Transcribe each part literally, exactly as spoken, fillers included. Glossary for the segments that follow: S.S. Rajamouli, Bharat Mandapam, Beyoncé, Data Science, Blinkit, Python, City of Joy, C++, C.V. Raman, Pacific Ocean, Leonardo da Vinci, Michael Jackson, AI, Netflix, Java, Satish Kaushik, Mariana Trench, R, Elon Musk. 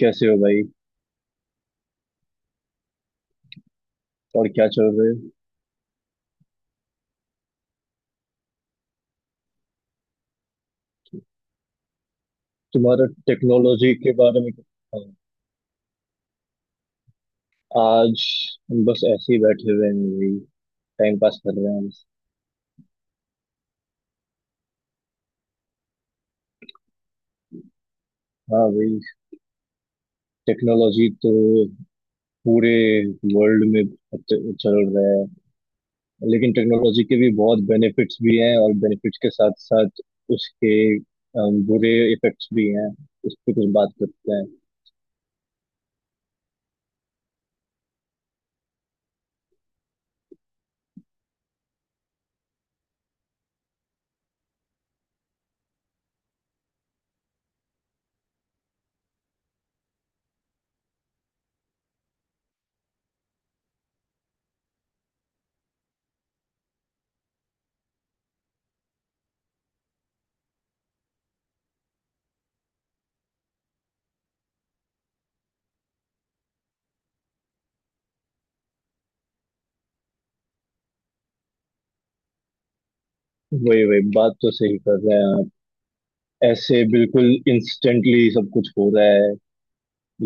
कैसे हो भाई? और क्या चल रहा है? तुम्हारा टेक्नोलॉजी के बारे में क्या? आज हम बस ऐसे ही बैठे हुए हैं भाई। टाइम पास कर रहे हैं बस। हाँ भाई, टेक्नोलॉजी तो पूरे वर्ल्ड में अत- चल रहा है। लेकिन टेक्नोलॉजी के भी बहुत बेनिफिट्स भी हैं, और बेनिफिट्स के साथ साथ उसके अम, बुरे इफेक्ट्स भी हैं। उस पर कुछ बात करते हैं। वही वही बात तो सही कर रहे हैं आप। ऐसे बिल्कुल इंस्टेंटली सब कुछ हो रहा है।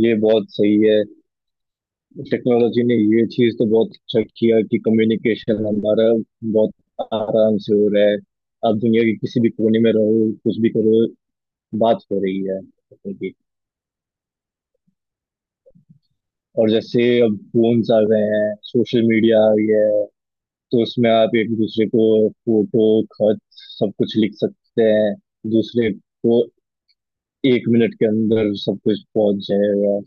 ये बहुत सही है। टेक्नोलॉजी ने ये चीज तो बहुत अच्छा किया कि कम्युनिकेशन हमारा बहुत आराम से हो रहा है। आप दुनिया के किसी भी कोने में रहो, कुछ भी करो, बात हो रही है उनकी। और जैसे अब फोन्स आ गए हैं, सोशल मीडिया आ गया है, तो उसमें आप एक दूसरे को फोटो, खत, सब कुछ लिख सकते हैं दूसरे को। एक मिनट के अंदर सब कुछ पहुंच जाएगा।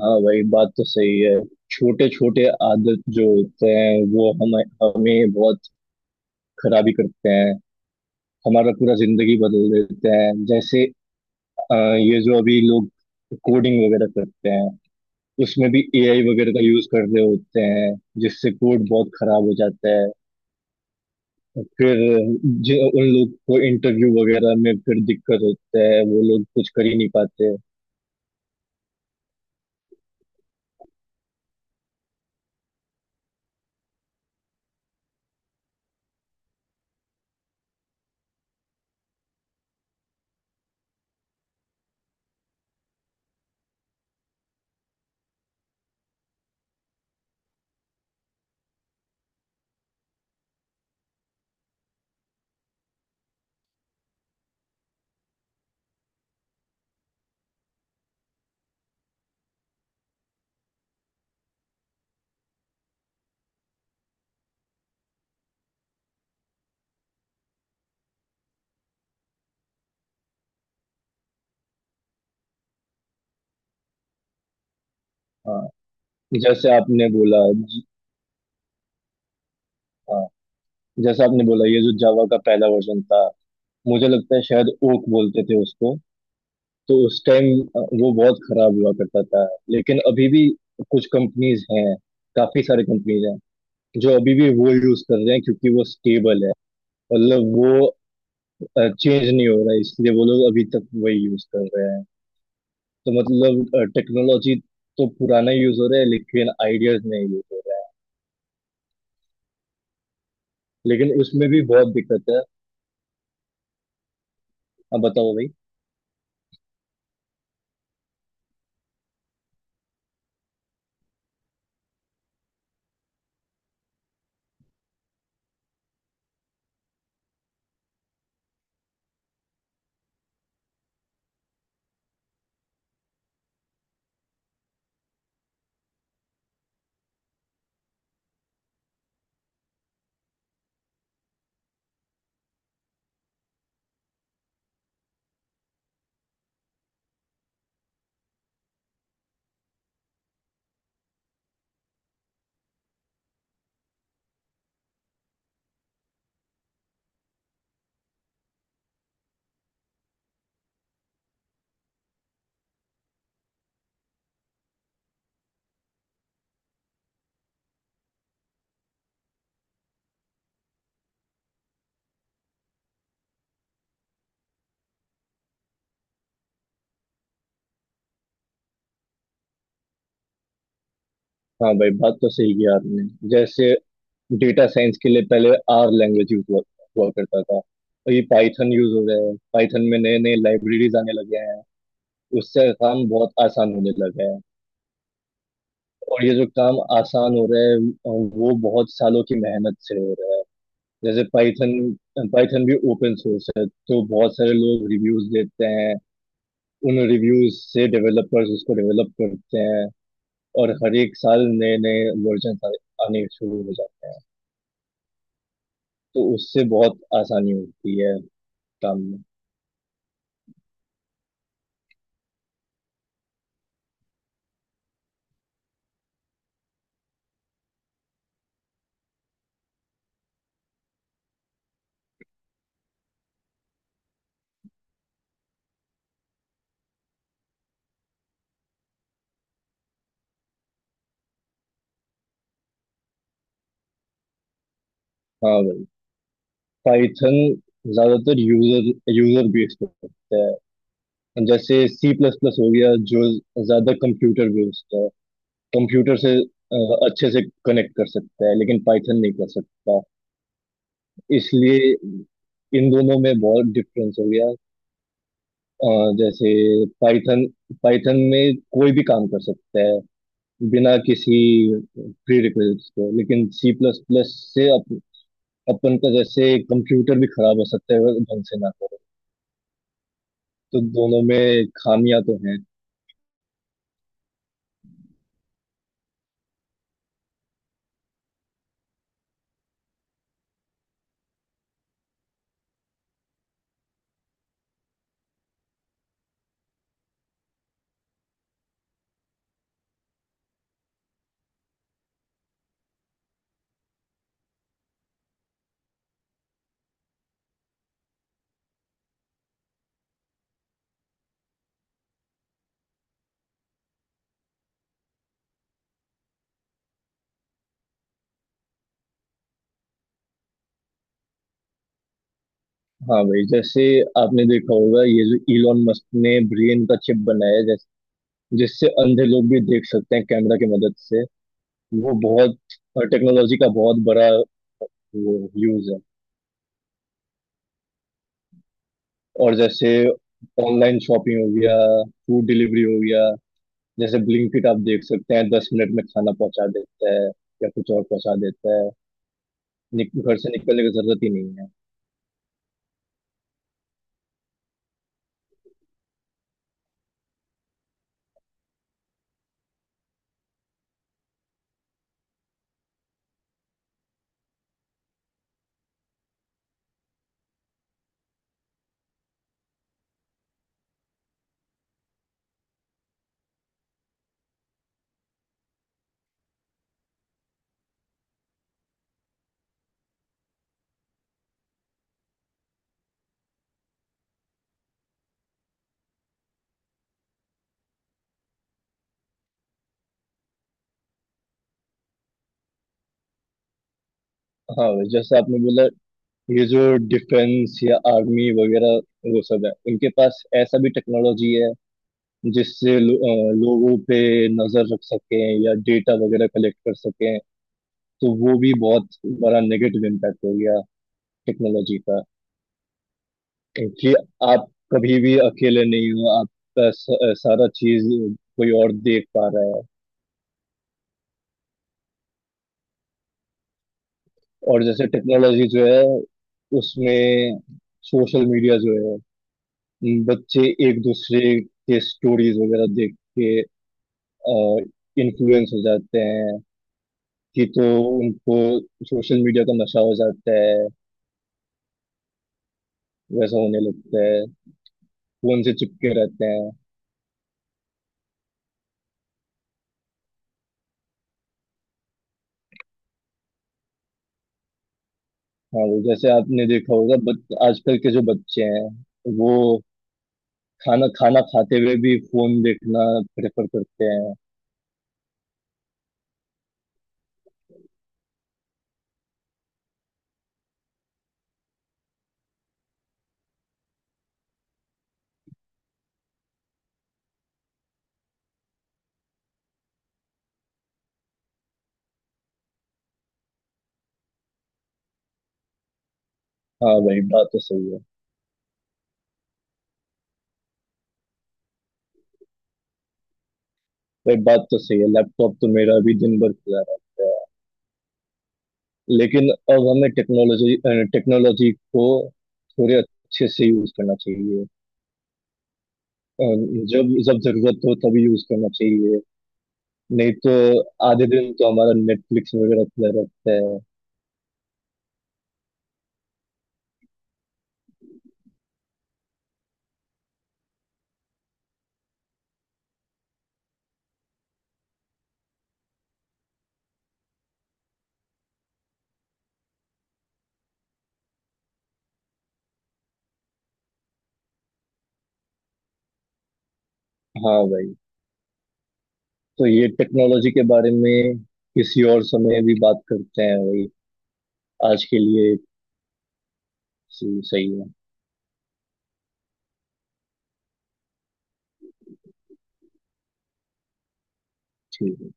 हाँ भाई, बात तो सही है। छोटे छोटे आदत जो होते हैं वो हम हमें बहुत खराबी करते हैं। हमारा पूरा जिंदगी बदल देते हैं। जैसे अ, ये जो अभी लोग कोडिंग वगैरह करते हैं उसमें भी एआई वगैरह का यूज कर रहे होते हैं, जिससे कोड बहुत खराब हो जाता है। फिर जो उन लोग को इंटरव्यू वगैरह में फिर दिक्कत होता है, वो लोग कुछ कर ही नहीं पाते। हाँ जैसे आपने बोला ज- हाँ, जैसे आपने बोला ये जो जावा का पहला वर्जन था, मुझे लगता है शायद ओक बोलते थे उसको। तो उस टाइम वो बहुत खराब हुआ करता था। लेकिन अभी भी कुछ कंपनीज हैं, काफी सारी कंपनीज हैं जो अभी भी वो यूज कर रहे हैं क्योंकि वो स्टेबल है। मतलब वो चेंज नहीं हो रहा है, इसलिए वो लोग अभी तक वही यूज कर रहे हैं। तो मतलब टेक्नोलॉजी तो पुराना यूज हो रहा है लेकिन आइडियाज नहीं यूज हो रहा है। लेकिन उसमें भी बहुत दिक्कत है। अब बताओ भाई। हाँ भाई, बात तो सही की आपने। जैसे डेटा साइंस के लिए पहले आर लैंग्वेज यूज हुआ हुआ करता था, और ये पाइथन यूज हो गया है। पाइथन में नए नए लाइब्रेरीज आने लगे हैं। उससे काम बहुत आसान होने लगा है। और ये जो काम आसान हो रहा है, वो बहुत सालों की मेहनत से हो रहा है। जैसे पाइथन पाइथन भी ओपन सोर्स है, तो बहुत सारे लोग रिव्यूज देते हैं। उन रिव्यूज से डेवलपर्स उसको डेवलप करते हैं, और हर एक साल नए नए वर्जन आने शुरू हो जाते हैं। तो उससे बहुत आसानी होती है काम में। हाँ भाई, पाइथन ज्यादातर यूजर यूजर बेस्ड होता है। जैसे सी प्लस प्लस हो गया जो ज्यादा कंप्यूटर बेस्ड है। कंप्यूटर से अ, अच्छे से कनेक्ट कर सकता है, लेकिन पाइथन नहीं कर सकता। इसलिए इन दोनों में बहुत डिफरेंस हो गया। अ, जैसे पाइथन पाइथन में कोई भी काम कर सकता है बिना किसी प्री रिक्वेस्ट के। लेकिन सी प्लस प्लस से अप, अपन का जैसे कंप्यूटर भी खराब हो सकता है अगर ढंग से ना हो। तो दोनों में खामियां तो हैं। हाँ भाई, जैसे आपने देखा होगा, ये जो इलॉन मस्क ने ब्रेन का चिप बनाया, जैस जिससे अंधे लोग भी देख सकते हैं कैमरा की मदद से। वो बहुत टेक्नोलॉजी का बहुत बड़ा वो यूज है। और जैसे ऑनलाइन शॉपिंग हो गया, फूड डिलीवरी हो गया। जैसे ब्लिंकिट, आप देख सकते हैं, दस मिनट में खाना पहुंचा देता है, या कुछ और पहुंचा देता है। निक- घर से निकलने की जरूरत ही नहीं है। हाँ भाई, जैसे आपने बोला, ये जो डिफेंस या आर्मी वगैरह वो सब है, उनके पास ऐसा भी टेक्नोलॉजी है जिससे लो, अ, लोगों पे नजर रख सकें या डेटा वगैरह कलेक्ट कर सकें। तो वो भी बहुत बड़ा नेगेटिव इम्पैक्ट हो गया टेक्नोलॉजी का, कि आप कभी भी अकेले नहीं हो, आपका स- अ, सारा चीज कोई और देख पा रहा है। और जैसे टेक्नोलॉजी जो है, उसमें सोशल मीडिया जो है, बच्चे एक दूसरे के स्टोरीज वगैरह देख के इन्फ्लुएंस हो जाते हैं, कि तो उनको सोशल मीडिया का नशा हो जाता है, वैसा होने लगता है, फोन से चिपके रहते हैं। हाँ, वो जैसे आपने देखा होगा, बट आजकल के जो बच्चे हैं, वो खाना खाना खाते हुए भी फोन देखना प्रेफर करते हैं। हाँ, वही बात तो सही है। वही बात तो सही है, लैपटॉप तो मेरा भी दिन भर खुला रहता है। लेकिन अब हमें टेक्नोलॉजी टेक्नोलॉजी को थोड़े अच्छे से यूज करना चाहिए। जब जब जरूरत हो तभी यूज करना चाहिए। नहीं तो आधे दिन तो हमारा नेटफ्लिक्स वगैरह खुला रहता है। हाँ भाई, तो ये टेक्नोलॉजी के बारे में किसी और समय भी बात करते हैं भाई। आज के लिए सही सही है। ठीक।